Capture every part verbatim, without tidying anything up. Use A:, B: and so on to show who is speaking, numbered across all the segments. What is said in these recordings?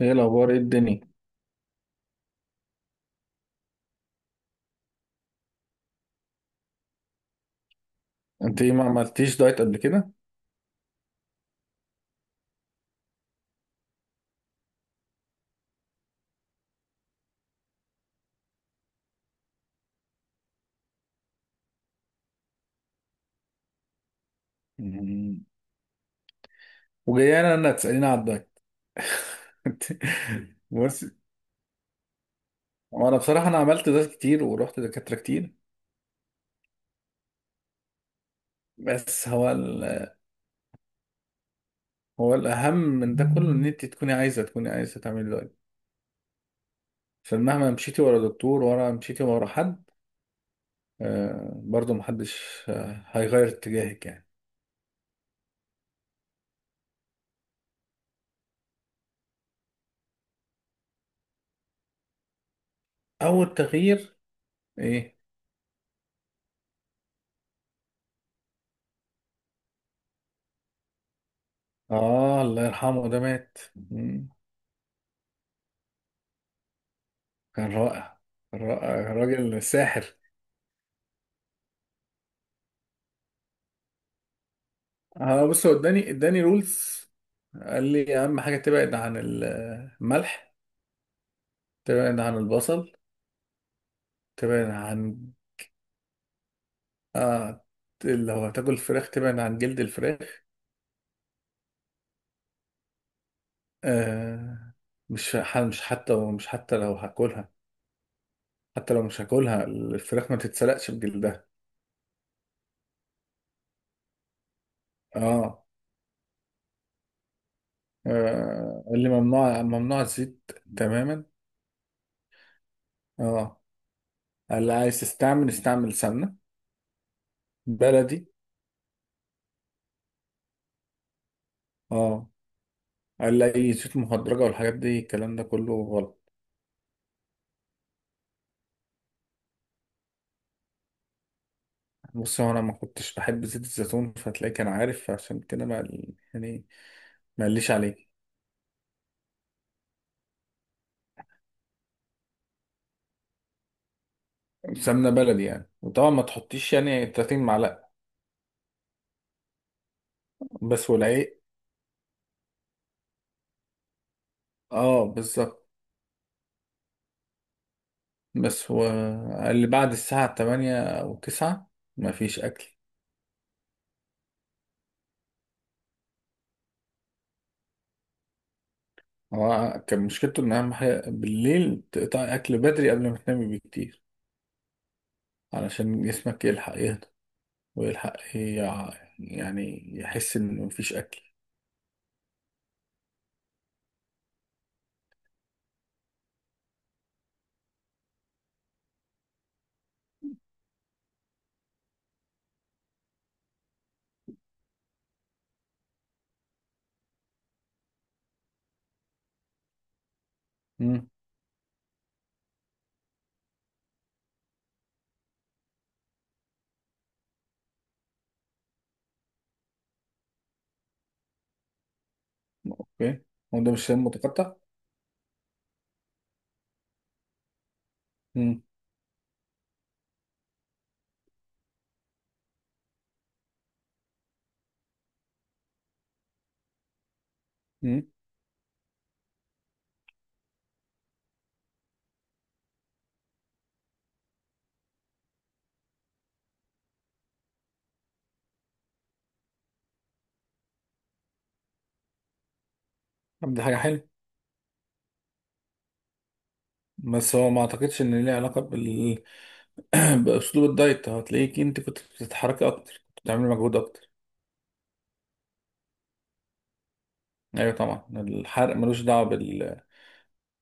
A: ايه الاخبار؟ ايه الدنيا؟ انت ايه، ما عملتيش دايت قبل كده؟ مم. وجايه انا انا تساليني على الدايت؟ انت- بص، وانا بصراحه انا عملت دايت كتير ورحت دكاتره كتير. بس هو ال... هو الاهم من ده كله ان انت تكوني عايزه تكوني عايزه تعملي دايت. عشان مهما مشيتي ورا دكتور، ورا مشيتي ورا حد، آه برضو محدش آه هيغير اتجاهك يعني. اول تغيير ايه؟ اه الله يرحمه، ده مات. مم. كان رائع، كان رائع، راجل ساحر. اه بص، هو اداني اداني رولز. قال لي اهم حاجه تبعد عن الملح، تبعد عن البصل، تبعد عن... آه لو هتاكل فراخ تبعد عن جلد الفراخ. آه، مش ح- مش حتى مش حتى لو هاكلها، حتى لو مش هاكلها الفراخ ما تتسلقش بجلدها. اه، آه قال لي ممنوع ممنوع الزيت تماما. اه قال لي عايز تستعمل استعمل سمنه بلدي. اه قال لي اي زيوت مهدرجه والحاجات دي الكلام ده كله غلط. بص هو انا ما كنتش بحب زيت الزيتون، فتلاقيه كان عارف عشان كده ما يعني ما قاليش عليه. سمنه بلدي يعني، وطبعا ما تحطيش يعني تلاتين معلقه بس والعيق. اه بالظبط. بس هو قال لي بعد الساعه الثامنة او التاسعة ما فيش اكل. هو كان مشكلته ان اهم حاجه بالليل تقطع اكل بدري قبل ما تنامي بكتير، علشان جسمك يلحق يهدى ويلحق يع- يعني يحس ان مفيش اكل. امم. اوكي. هو ده مش شايف متقطع. امم. طب دي حاجة حلوة. بس هو ما اعتقدش ان ليه علاقة بال... باسلوب الدايت. هتلاقيك انت كنت بتتحركي اكتر، كنت بتعملي مجهود اكتر. ايوه طبعا الحرق ملوش دعوة بال...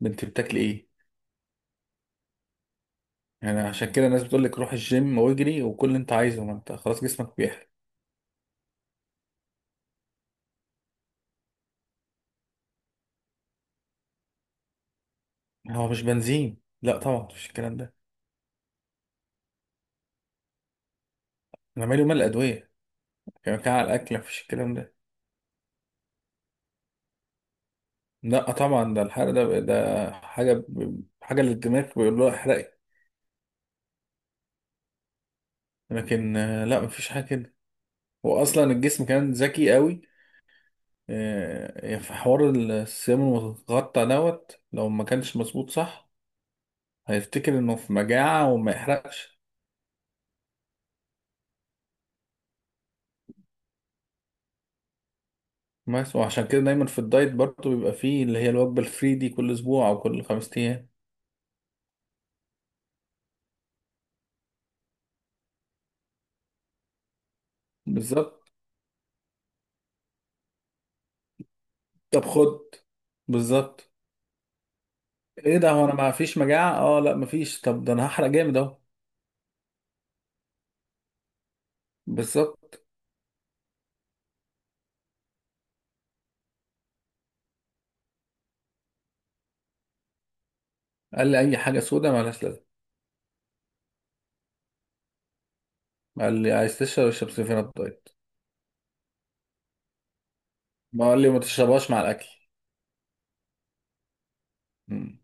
A: بنت بتاكلي ايه؟ يعني عشان كده الناس بتقول لك روح الجيم واجري وكل اللي انت عايزه، ما انت خلاص جسمك بيحرق. هو مش بنزين، لا طبعا مفيش الكلام ده. انا مالي ومال الادوية، كان كان على الاكل مفيش الكلام ده. لا طبعا ده الحرق ده ده حاجة ب... حاجة للدماغ بيقول له احرقي. لكن آه، لا مفيش حاجة كده. واصلا الجسم كان ذكي قوي، آه، في حوار الصيام المتقطع دوت، لو ما كانش مظبوط صح هيفتكر انه في مجاعة وما يحرقش. بس وعشان كده دايما في الدايت برضه بيبقى فيه اللي هي الوجبة الفري دي كل اسبوع او كل خمس ايام. بالظبط. طب خد، بالظبط. ايه ده، هو انا ما فيش مجاعة، اه لا ما فيش، طب ده انا هحرق جامد اهو. بالظبط. قال لي اي حاجة سودا مالهاش لازمة. قال لي عايز تشرب اشرب سيفين الدايت، ما قال لي ما تشربهاش مع الاكل. مم.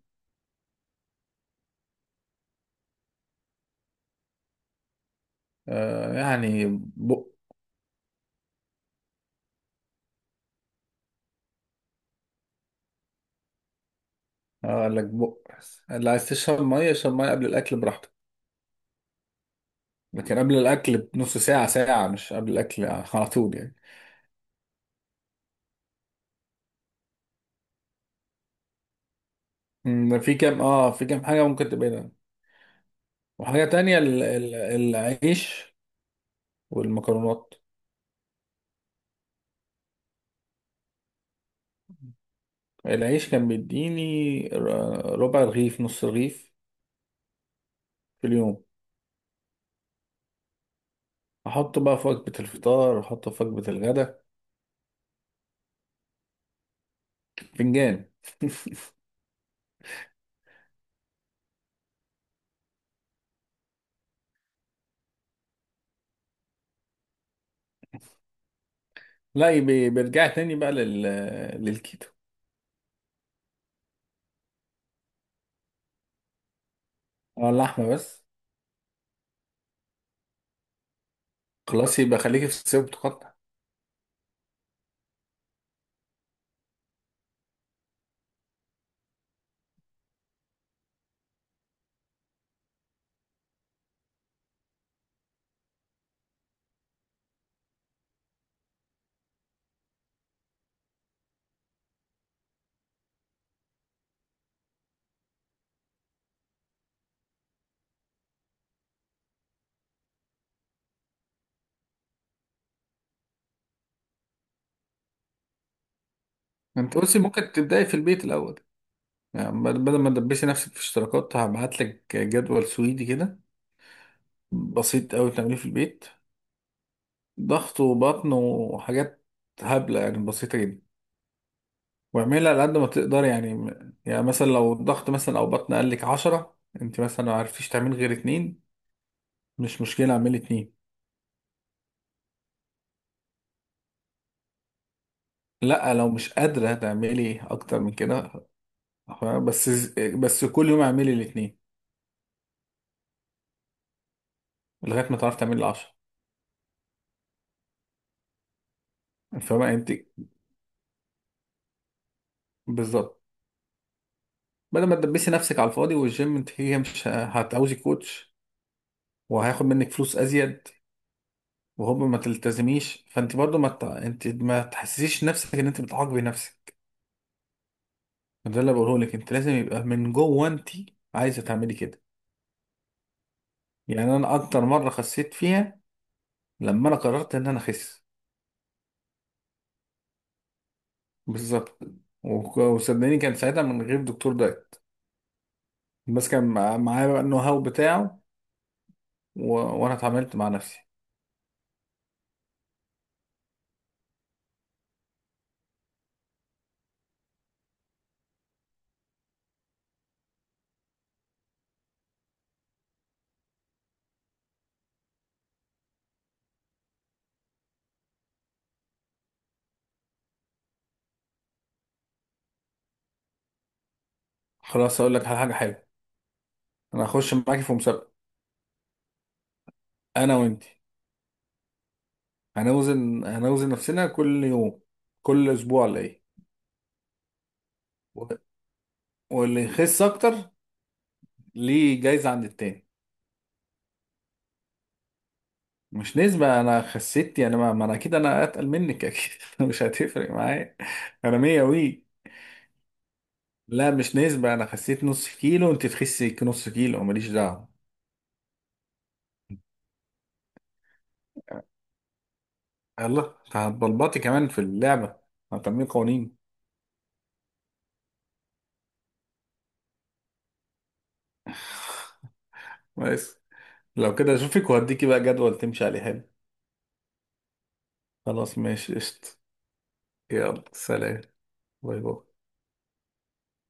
A: آه يعني. اه قال لك بق، اللي عايز تشرب ميه اشرب ميه قبل الاكل براحتك، لكن قبل الاكل بنص ساعه ساعه، مش قبل الاكل على طول يعني. أمم، في كام، اه في كام حاجه ممكن تبعدها. وحاجه تانية ال- ال- العيش والمكرونات. العيش كان بيديني ر- ربع رغيف، نص رغيف في اليوم، احطه بقى في وجبه الفطار، احطه في وجبه الغداء. فنجان. لا يبي- بيرجع تاني بقى لل... للكيتو. اه اللحمه بس. خلاص يبقى خليكي في السيب. ما انت بصي ممكن تبداي في البيت الاول. يعني بدل بدل ما تدبسي نفسك في اشتراكات، هبعت لك جدول سويدي كده بسيط قوي تعمليه في البيت، ضغط وبطن وحاجات هبله يعني بسيطه جدا. واعملها على قد ما تقدري يعني. يعني مثلا لو الضغط مثلا او بطن قال لك عشرة، انت مثلا ما عرفتيش تعملي غير اتنين، مش مشكله اعملي اتنين. لا لو مش قادره تعملي اكتر من كده، فاهمة؟ بس، بس كل يوم اعملي الاتنين لغايه ما تعرفي تعملي العشرة. فاهمه يعني انت؟ بالظبط. بدل ما تدبسي نفسك على الفاضي والجيم، انت هي مش هتعوزي كوتش وهياخد منك فلوس ازيد، وهوب ما تلتزميش فانت برضو ما ت... انت ما تحسسيش نفسك ان انت بتعاقبي نفسك. ده اللي بقوله لك. انت لازم يبقى من جوه انت عايزه تعملي كده. يعني انا اكتر مره خسيت فيها لما انا قررت ان انا اخس. بالظبط. وك- وصدقني كان ساعتها من غير دكتور دايت، بس كان مع- معايا بقى النو هاو بتاعه، و... وانا اتعاملت مع نفسي. خلاص اقول لك على حاجه حلوه. انا هخش معاكي في مسابقه، انا وانت، هنوزن هنوزن نفسنا كل يوم، كل اسبوع ولا ايه؟ و- واللي يخس اكتر ليه جايزة عند التاني. مش نسبة، انا خسيت يعني ما, ما انا اكيد انا اتقل منك اكيد، مش هتفرق معايا. انا مية وي، لا مش نسبة، انا خسيت نص كيلو وانت تخسي نص كيلو ماليش دعوة. يلا انت هتبلبطي كمان في اللعبة، هتعملي قوانين. بس لو كده اشوفك وهديكي بقى جدول تمشي عليه حلو. خلاص ماشي قشطة. يلا سلام. باي باي.